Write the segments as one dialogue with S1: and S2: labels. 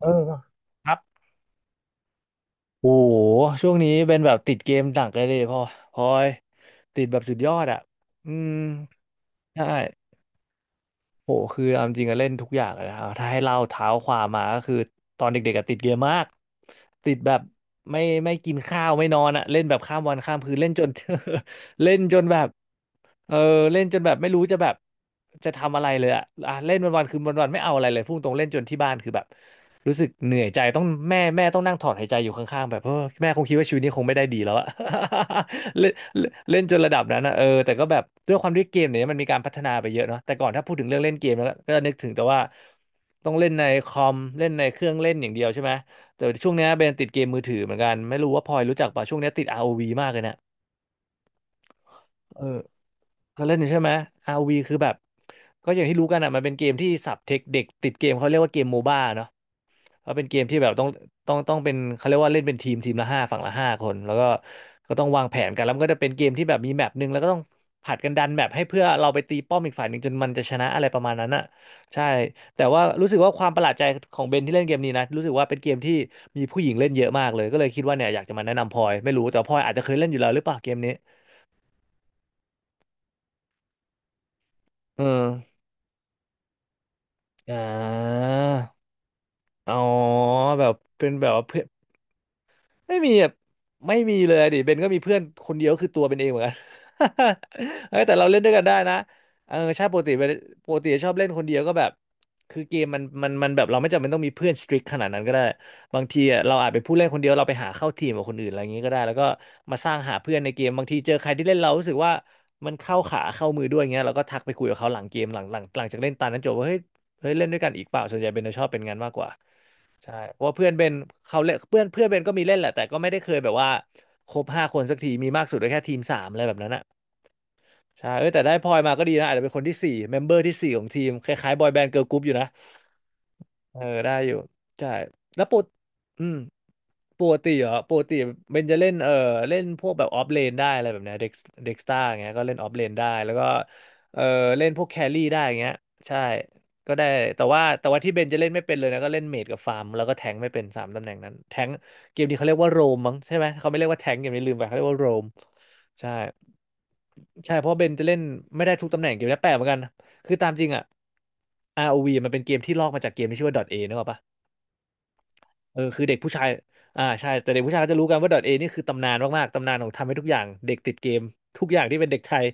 S1: เออครับโอ้โหช่วงนี้เป็นแบบติดเกมหนักเลยดิพ่อพลอยติดแบบสุดยอดอ่ะอืมใช่โหคือเอาจริงๆอเล่นทุกอย่างเลยนะครับถ้าให้เล่าเท้าความมาก็คือตอนเด็กๆอะติดเกมมากติดแบบไม่กินข้าวไม่นอนอ่ะเล่นแบบข้ามวันข้ามคืนเล่นจน เล่นจนแบบเออเล่นจนแบบไม่รู้จะแบบจะทำอะไรเลยอะอ่ะเล่นวันวันคือวันวันไม่เอาอะไรเลยพุ่งตรงเล่นจนที่บ้านคือแบบ รู้สึกเหนื่อยใจต้องแม่ต้องนั่งถอดหายใจอยู่ข้างๆแบบเออแม่คงคิดว่าชีวิตนี้คงไม่ได้ดีแล้วอะ เล่นเล่นเล่นจนระดับนั้นนะเออแต่ก็แบบด้วยความที่เกมเนี่ยมันมีการพัฒนาไปเยอะเนาะแต่ก่อนถ้าพูดถึงเรื่องเล่นเกมแล้วก็นึกถึงแต่ว่าต้องเล่นในคอมเล่นในเครื่องเล่นอย่างเดียวใช่ไหมแต่ช่วงเนี้ยเบนติดเกมมือถือเหมือนกันไม่รู้ว่าพลอยรู้จักป่ะช่วงเนี้ยติด ROV มากเลยนะ เออก็เล่นอยู่ใช่ไหม RV คือแบบก็อย่างที่รู้กันอ่ะมันเป็นเกมที่สับเทคเด็กติดเกมเขาเรียกว่าเกมโมบ้าเนาะเพราะเป็นเกมที่แบบต้องเป็นเขาเรียกว่าเล่นเป็นทีมทีมละห้าฝั่งละห้าคนแล้วก็ต้องวางแผนกันแล้วมันก็จะเป็นเกมที่แบบมีแมปหนึ่งแล้วก็ต้องผัดกันดันแมปให้เพื่อเราไปตีป้อมอีกฝ่ายหนึ่งจนมันจะชนะอะไรประมาณนั้นอ่ะใช่แต่ว่ารู้สึกว่าความประหลาดใจของเบนที่เล่นเกมนี้นะรู้สึกว่าเป็นเกมที่มีผู้หญิงเล่นเยอะมากเลยก็เลยคิดว่าเนี่ยอยากจะมาแนะนำพลอยไม่รู้แต่ว่าพลอยอาจจะเคยเล่นอยู่แล้วหรือเปล่าเกมนี้เออ อ่าอ๋อแบบเป็นแบบว่าเพื่อน ไม่มีแบบไม่มีเลยดิเบนก็มีเพื่อนคนเดียวก็คือตัวเป็นเองเหมือนกัน เฮ้ยแต่เราเล่นด้วยกันได้นะเออใช่ปกติเบนปกติชอบเล่นคนเดียวก็แบบคือเกมมันแบบเราไม่จำเป็นต้องมีเพื่อนสตริกขนาดนั้นก็ได้บางทีอะเราอาจเป็นผู้เล่นคนเดียวเราไปหาเข้าทีมกับคนอื่นอะไรอย่างนี้ก็ได้แล้วก็มาสร้างหาเพื่อนในเกมบางทีเจอใครที่เล่นเรารู้สึกว่ามันเข้าขาเข้ามือด้วยอย่างเงี้ยเราก็ทักไปคุยกับเขาหลังเกมหลังจากเล่นตานั้นจบว่าเฮ้ยเฮ้ยเล่นด้วยกันอีกเปล่าส่วนใหญ่เบนจะชอบเป็นงั้นมากกว่า ใช่เพราะว่าเพื่อนเบนเขาเล่นเพื่อนเพื่อนเบนก็มีเล่นแหละ แต่ก็ไม่ได้เคยแบบว่าครบห้าคนสักที มีมากสุดก็แค่ทีมสามอะไรแบบนั้นอะใช่เออแต่ได้พลอยมาก็ดีนะอาจจะเป็นคนที่สี่เมมเบอร์ที่สี่ของทีมคล้ายๆบอยแบนด์เกิร์ลกรุ๊ปอยู่นะ เออได้อยู่ใช่แล้วอืมปกติเหรอปกติเบนจะเล่นเออเล่นพวกแบบออฟเลนได้อะไรแบบเนี้ยเด็กเด็กสตาร์เงี้ยก็เล่นออฟเลนได้แล้วก็เออเล่นพวกแครี่ได้เงี้ยใช่ก็ได้แต่ว่าที่เบนจะเล่นไม่เป็นเลยนะก็เล่นเมจกับฟาร์มแล้วก็แทงค์ไม่เป็นสามตำแหน่งนั้นแทงค์เกมนี้เขาเรียกว่าโรมมั้งใช่ไหมเขาไม่เรียกว่าแทงค์เกมนี้ลืมไปเขาเรียกว่าโรมใช่ใช่เพราะเบนจะเล่นไม่ได้ทุกตำแหน่งเกมนี้แปลกเหมือนกันคือตามจริงอะ ROV มันเป็นเกมที่ลอกมาจากเกมที่ชื่อว่า .A นึกออกปะ เออคือเด็กผู้ชายอ่าใช่แต่เด็กผู้ชายก็จะรู้กันว่า .A นี่คือตำนานมากๆตำนานของทำให้ทุกอย่างเด็กติดเกมทุกอย่างที่เป็นเด็กไทย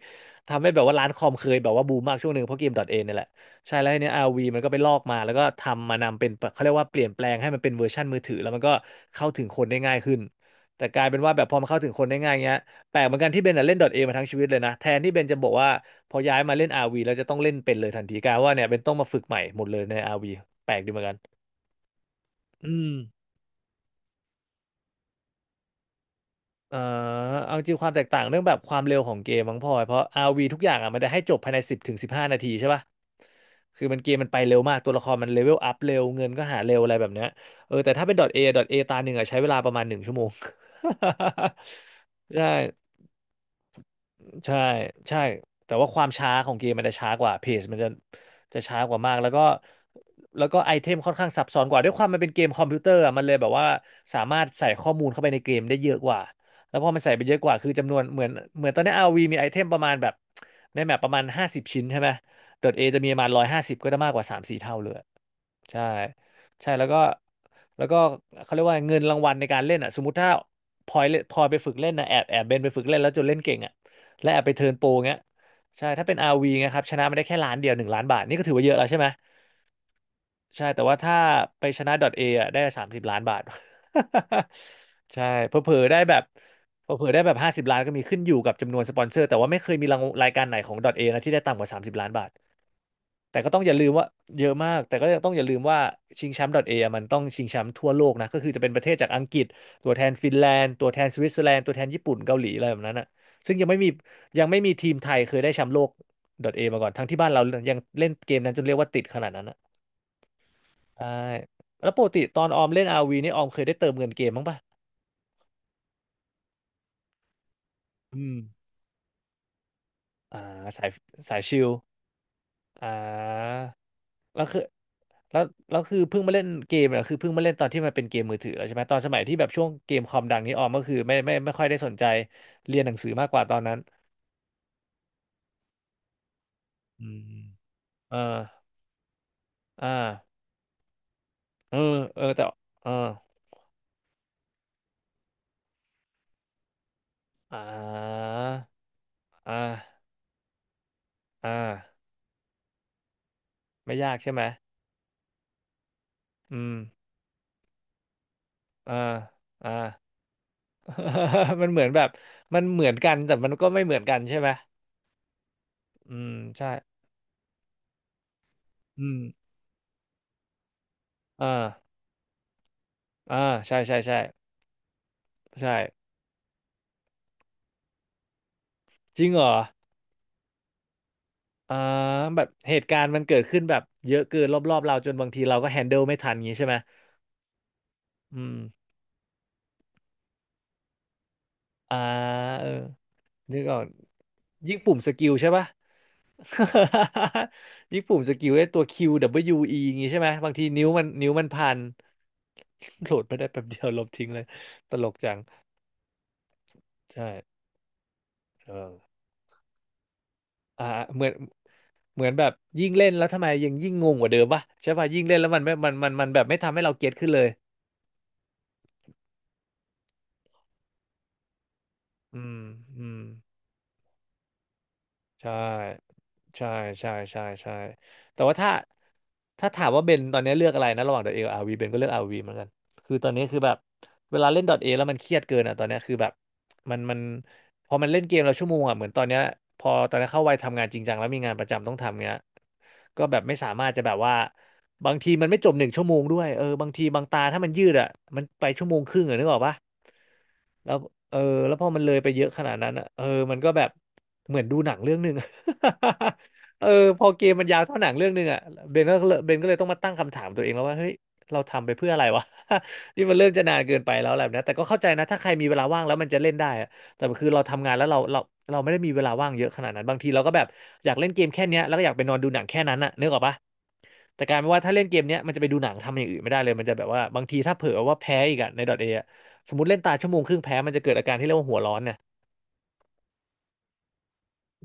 S1: ทำให้แบบว่าร้านคอมเคยแบบว่าบูมมากช่วงหนึ่งเพราะเกม .A เนี่ยแหละใช่แล้วทีเนี้ยอาร์วีมันก็ไปลอกมาแล้วก็ทำมานำเป็นเขาเรียกว่าเปลี่ยนแปลงให้มันเป็นเวอร์ชันมือถือแล้วมันก็เข้าถึงคนได้ง่ายขึ้นแต่กลายเป็นว่าแบบพอมันเข้าถึงคนได้ง่ายเงี้ยแปลกเหมือนกันที่เบนน่ะเล่น .A มาทั้งชีวิตเลยนะแทนที่เบนจะบอกว่าพอย้ายมาเล่น RV แล้วจะต้องเล่นเป็นเลยทันทีกลายว่าเนี่ยเบนต้องมาฝึกใหม่หมดเลยในอาร์วีแปลกดีเหมือนกันอืม เอ่อเอาจริงความแตกต่างเรื่องแบบความเร็วของเกมมั้งพลอยเพราะ RV ทุกอย่างอ่ะมันได้ให้จบภายใน10 ถึง 15 นาทีใช่ป่ะคือมันเกมมันไปเร็วมากตัวละครมันเลเวลอัพเร็วเงินก็หาเร็วอะไรแบบเนี้ยเออแต่ถ้าเป็น .A .A ตาหนึ่งอ่ะใช้เวลาประมาณหนึ่งชั่วโมง ใช่ ใช่ใช่แต่ว่าความช้าของเกมมันจะช้ากว่าเพจมันจะจะช้ากว่ามากแล้วก็แล้วก็ไอเทมค่อนข้างซับซ้อนกว่าด้วยความมันเป็นเกมคอมพิวเตอร์อะมันเลยแบบว่าสามารถใส่ข้อมูลเข้าไปในเกมได้เยอะกว่าแล้วพอมันใส่ไปเยอะกว่าคือจำนวนเหมือนตอนนี้ RV มีไอเทมประมาณแบบในแมปประมาณ50 ชิ้นใช่ไหม .A จะมีประมาณ150ก็จะมากกว่าสามสี่เท่าเลยใช่ใช่แล้วก็แล้วก็เขาเรียกว่าเงินรางวัลในการเล่นอ่ะสมมติถ้าพลอยเล่นพลอยไปฝึกเล่นนะแอบเบนไปฝึกเล่นแล้วจนเล่นเก่งอ่ะ และแอบไปเทิร์นโปรเงี้ยใช่ถ้าเป็น RV เงี้ยครับชนะมาได้แค่ล้านเดียว1 ล้านบาทนี่ก็ถือว่าเยอะแล้วใช่ไหมใช่แต่ว่าถ้าไปชนะ .A อ่ะได้30 ล้านบาท ใช่เผลอๆได้แบบเผลอๆได้แบบ50 ล้านก็มีขึ้นอยู่กับจำนวนสปอนเซอร์แต่ว่าไม่เคยมีรางรายการไหนของ .A นะที่ได้ต่ำกว่าสามสิบล้านบาท แต่ก็ต้องอย่าลืมว่าเยอะมากแต่ก็ต้องอย่าลืมว่าชิงแชมป์ .a อะมันต้องชิงแชมป์ทั่วโลกนะก็คือจะเป็นประเทศจากอังกฤษตัวแทนฟินแลนด์ตัวแทนสวิตเซอร์แลนด์ตัวแทนญี่ปุ่นเกาหลีอะไรแบบนั้นอ่ะซึ่งยังไม่มียังไม่มีทีมไทยเคยได้แชมป์โลก .a มาก่อนทั้งที่บ้านเรายังเล่นเกมนั้นจนเรียกว่าติดขนาดนั้นอ่ะใช่แล้วปกติตอนออมเล่นอาร์วีนี่ออมเคยได้เติมเงินเกมบ้างปะอืมอ่าสายสายชิลอ่า แล้วคือแล้วแล้วคือเพิ่งมาเล่นเกมอะคือเพิ่งมาเล่นตอนที่มันเป็นเกมมือถือแล้วใช่ไหมตอนสมัยที่แบบช่วงเกมคอมดังนี้ออมก็คือไม่ค่อยได้สนใจเรียนหนังสือมากกว่าตอนนั้นอืมเอออ่าเออเออแต่เอออ่าอ่าอ่าไม่ยากใช่ไหมอืมอ่าอ่า มันเหมือนแบบมันเหมือนกันแต่มันก็ไม่เหมือนกันใช่ไหมอืมใช่อืมอ่าอ่าใช่ใช่ใช่ใช่จริงเหรอ อ่าแบบเหตุการณ์มันเกิดขึ้นแบบเยอะเกินรอบๆเราจนบางทีเราก็แฮนเดิลไม่ทันอย่างงี้ใช่ไหมอืมอ่าเออนึกออกยิ่งปุ่มสกิลใช่ปะ ยิ่งปุ่มสกิลไอ้ตัว QWE ออย่างงี้ใช่ไหมบางทีนิ้วมันพัน โหลดไม่ได้แป๊บเดียวลบทิ้งเลยตลกจังใช่เอออ่าเหมือนเหมือนแบบยิ่งเล่นแล้วทำไมยังยิ่งงงกว่าเดิมปะใช่ปะยิ่งเล่นแล้วมันไม่มันแบบไม่ทำให้เราเก็ตขึ้นเลย อืม อืม ใช่ใช่ใช่แต่ว่าถ้าถ้าถามว่าเบนตอนนี้เลือกอะไรนะระหว่าง .A กับอาร์วีเบนก็เลือก r ีเหมือนกันคือตอนนี้คือแบบเวลาเล่น .A แล้วมันเครียดเกินอ่ะตอนนี้คือแบบมันพอมันเล่นเกมแล้วชั่วโมงอ่ะเหมือนตอนเนี้ยพอตอนนี้เข้าวัยทำงานจริงจังแล้วมีงานประจำต้องทำเงี้ยก็แบบไม่สามารถจะแบบว่าบางทีมันไม่จบหนึ่งชั่วโมงด้วยเออบางทีบางตาถ้ามันยืดอ่ะมันไปชั่วโมงครึ่งอ่ะนึกออกปะแล้วเออแล้วพอมันเลยไปเยอะขนาดนั้นอ่ะเออมันก็แบบ เหมือนดูหนังเรื่องหนึ่ง เออพอเกมมันยาวเท่าหนังเรื่องหนึ่งอ่ะเบนก็เลยต้องมาตั้งคำถามตัวเองแล้วว่าเฮ้ยเราทำไปเพื่ออะไรวะ นี่มันเริ่มจะนานเกินไปแล้วอะไรแบบนี้แต่ก็เข้าใจนะถ้าใครมีเวลาว่างแล้วมันจะเล่นได้อะแต่คือเราทำงานแล้วเราไม่ได้มีเวลาว่างเยอะขนาดนั้นบางทีเราก็แบบอยากเล่นเกมแค่เนี้ยแล้วก็อยากไปนอนดูหนังแค่นั้นน่ะนึกออกปะแต่กลารเป็นว่าถ้าเล่นเกมเนี้ยมันจะไปดูหนังทำอย่างอื่นไม่ได้เลยมันจะแบบว่าบางทีถ้าเผลอว่าแพ้อีกอะในดอทเอะสมมติเล่นตาชั่วโมงครึ่งแพ้มันจะเกิดอาการที่เรียกว่าหัวร้อนเนี่ย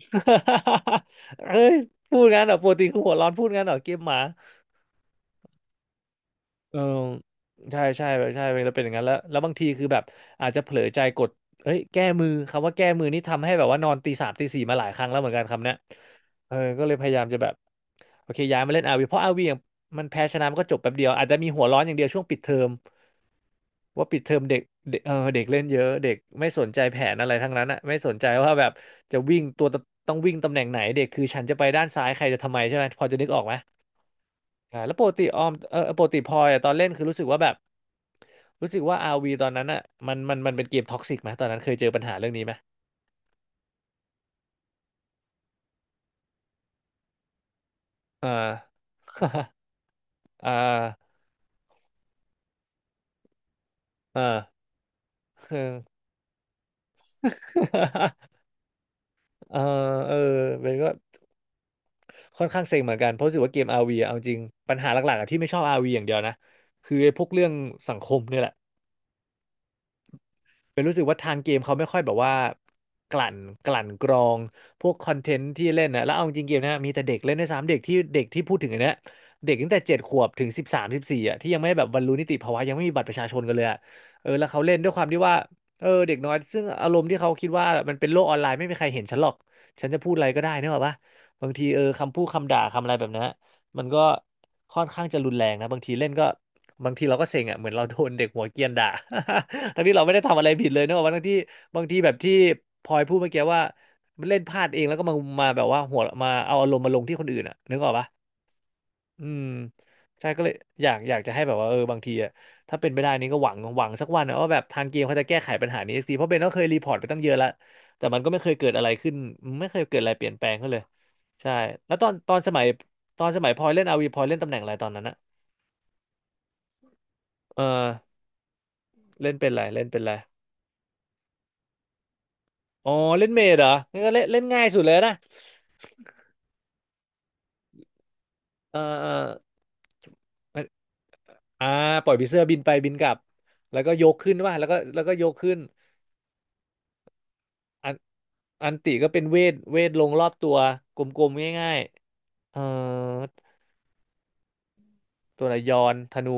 S1: เอ้ยพูดงั้นเหรอปกติคือหัวร้อนพูดงั้นเหรอเกมหมาเออใช่ใช่ใช่เราเป็นอย่างนั้นแล้วบางทีคือแบบอาจจะเผลอใจกดเอ้ยแก้มือคำว่าแก้มือนี่ทำให้แบบว่านอนตีสามตีสี่มาหลายครั้งแล้วเหมือนกันคำเนี้ยเออก็เลยพยายามจะแบบโอเคย้ายมาเล่นอาร์วีเพราะอาร์วียงมันแพ้ชนะมันก็จบแป๊บเดียวอาจจะมีหัวร้อนอย่างเดียวช่วงปิดเทอม ว่าปิดเทอมเด็กเด็กเออเด็กเล่นเยอะเด็กไม่สนใจแผนอะไรทั้งนั้นอ่ะไม่สนใจว่าแบบจะวิ่งตัวตต้องวิ่งตำแหน่งไหนเด็กคือฉันจะไปด้านซ้ายใครจะทำไมใช่ไหมพอจะนึกออกไหมแล้วปกติออมเออปกติพลอยอะตอนเล่นคือรู้สึกว่าแบบรู้สึกว่าอาร์วีตอนนั้นอ่ะมันเป็นเกมท็อกซิกไหมตอนนั้นเคยเจอปัญหาเรื่องนี้ไหมอา อ่าอ่า เออเออเป็นก็ค่อนข้างเซ็งเหมือนกันเพราะรู้สึกว่าเกม RV อะเอาจริงปัญหาหลักๆอะที่ไม่ชอบอาร์วีอย่างเดียวนะคือไอ้พวกเรื่องสังคมเนี่ยแหละ เป็นรู้สึกว่าทางเกมเขาไม่ค่อยแบบว่ากลั่นกลั่นกรองพวกคอนเทนต์ที่เล่นนะแล้วเอาจริงๆเกมนะมีแต่เด็กเล่นในสามเด็กที่เด็กที่พูดถึงอันเนี้ยเด็กตั้งแต่เจ็ดขวบถึงสิบสามสิบสี่อ่ะที่ยังไม่แบบบรรลุนิติภาวะยังไม่มีบัตรประชาชนกันเลยอะเออแล้วเขาเล่นด้วยความที่ว่าเออเด็กน้อยซึ่งอารมณ์ที่เขาคิดว่ามันเป็นโลกออนไลน์ไม่มีใครเห็นฉันหรอกฉันจะพูดอะไรก็ได้นึกอะปะบางทีคำพูดคำด่าคำอะไรแบบนี้น มันก็ค่อนข้างจะรุนแรงนะบางทีเล่นก็บางทีเราก็เซ็งอ่ะเหมือนเราโดนเด็กหัวเกรียนด่า ทั้งที่เราไม่ได้ทำอะไรผิดเลยเนอะบางที่บางทีแบบที่พลอยพูดเมื่อกี้ว่าเล่นพลาดเองแล้วก็มาแบบว่าหัวมาเอาอารมณ์มาลงที่คนอื่นอ่ะนึกออกปะ อืมใช่ก็เลยอยากจะให้แบบว่าบางทีอะถ้าเป็นไปได้นี่ก็หวังสักวันนะว่าแบบทางเกมเขาจะแก้ไขปัญหานี้สักทีเพราะเบนก็เคยรีพอร์ตไปตั้งเยอะแล้วแต่มันก็ไม่เคยเกิดอะไรขึ้นไม่เคยเกิดอะไรเปลี่ยนแปลงขึ้นเลยใช่แล้วตอนสมัยพลอยเล่นอาวีพลอยเล่นตำแหน่งอะไรตอนนั้นอะเออเล่นเป็นอะไรเล่นเป็นอะไรอ๋อเล่นเมดเหรองั้นก็เล่นเล่นง่ายสุดเลยนะเออมันอ่าปล่อยปีเสื้อบินไปบินกลับแล้วก็ยกขึ้นว่าแล้วก็ยกขึ้น อันติก็เป็นเวทลงรอบตัวกลมๆง่ายๆเอ่อตัวละยอนธนู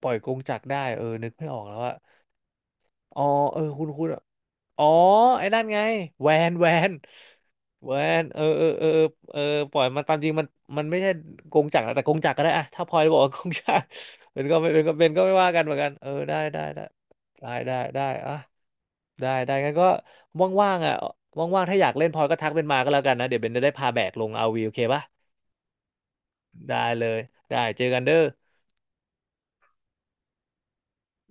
S1: ปล่อยกงจักรได้เออนึกไม่ออกแล้วอะอ๋อเออคุณอะอ๋อไอ้นั่นไงแวนแวนแวนเออปล่อยมันตามจริงมันมันไม่ใช่กงจักรนะแต่กงจักรก็ได้อะถ้าพลอยบอกว่ากงจักร เป็นก็ไม่เป็นก็เป็นก็ไม่ว่ากันเหมือนกันเออได้อะได้งั้นก็ว่างๆอ่ะว่างๆถ้าอยากเล่นพลอยก็ทักเป็นมาก็แล้วกันนะเดี๋ยวเบนจะได้พาแบกลงอาร์วีโอเคปะ ได้เลยได้เจอกันเด้อ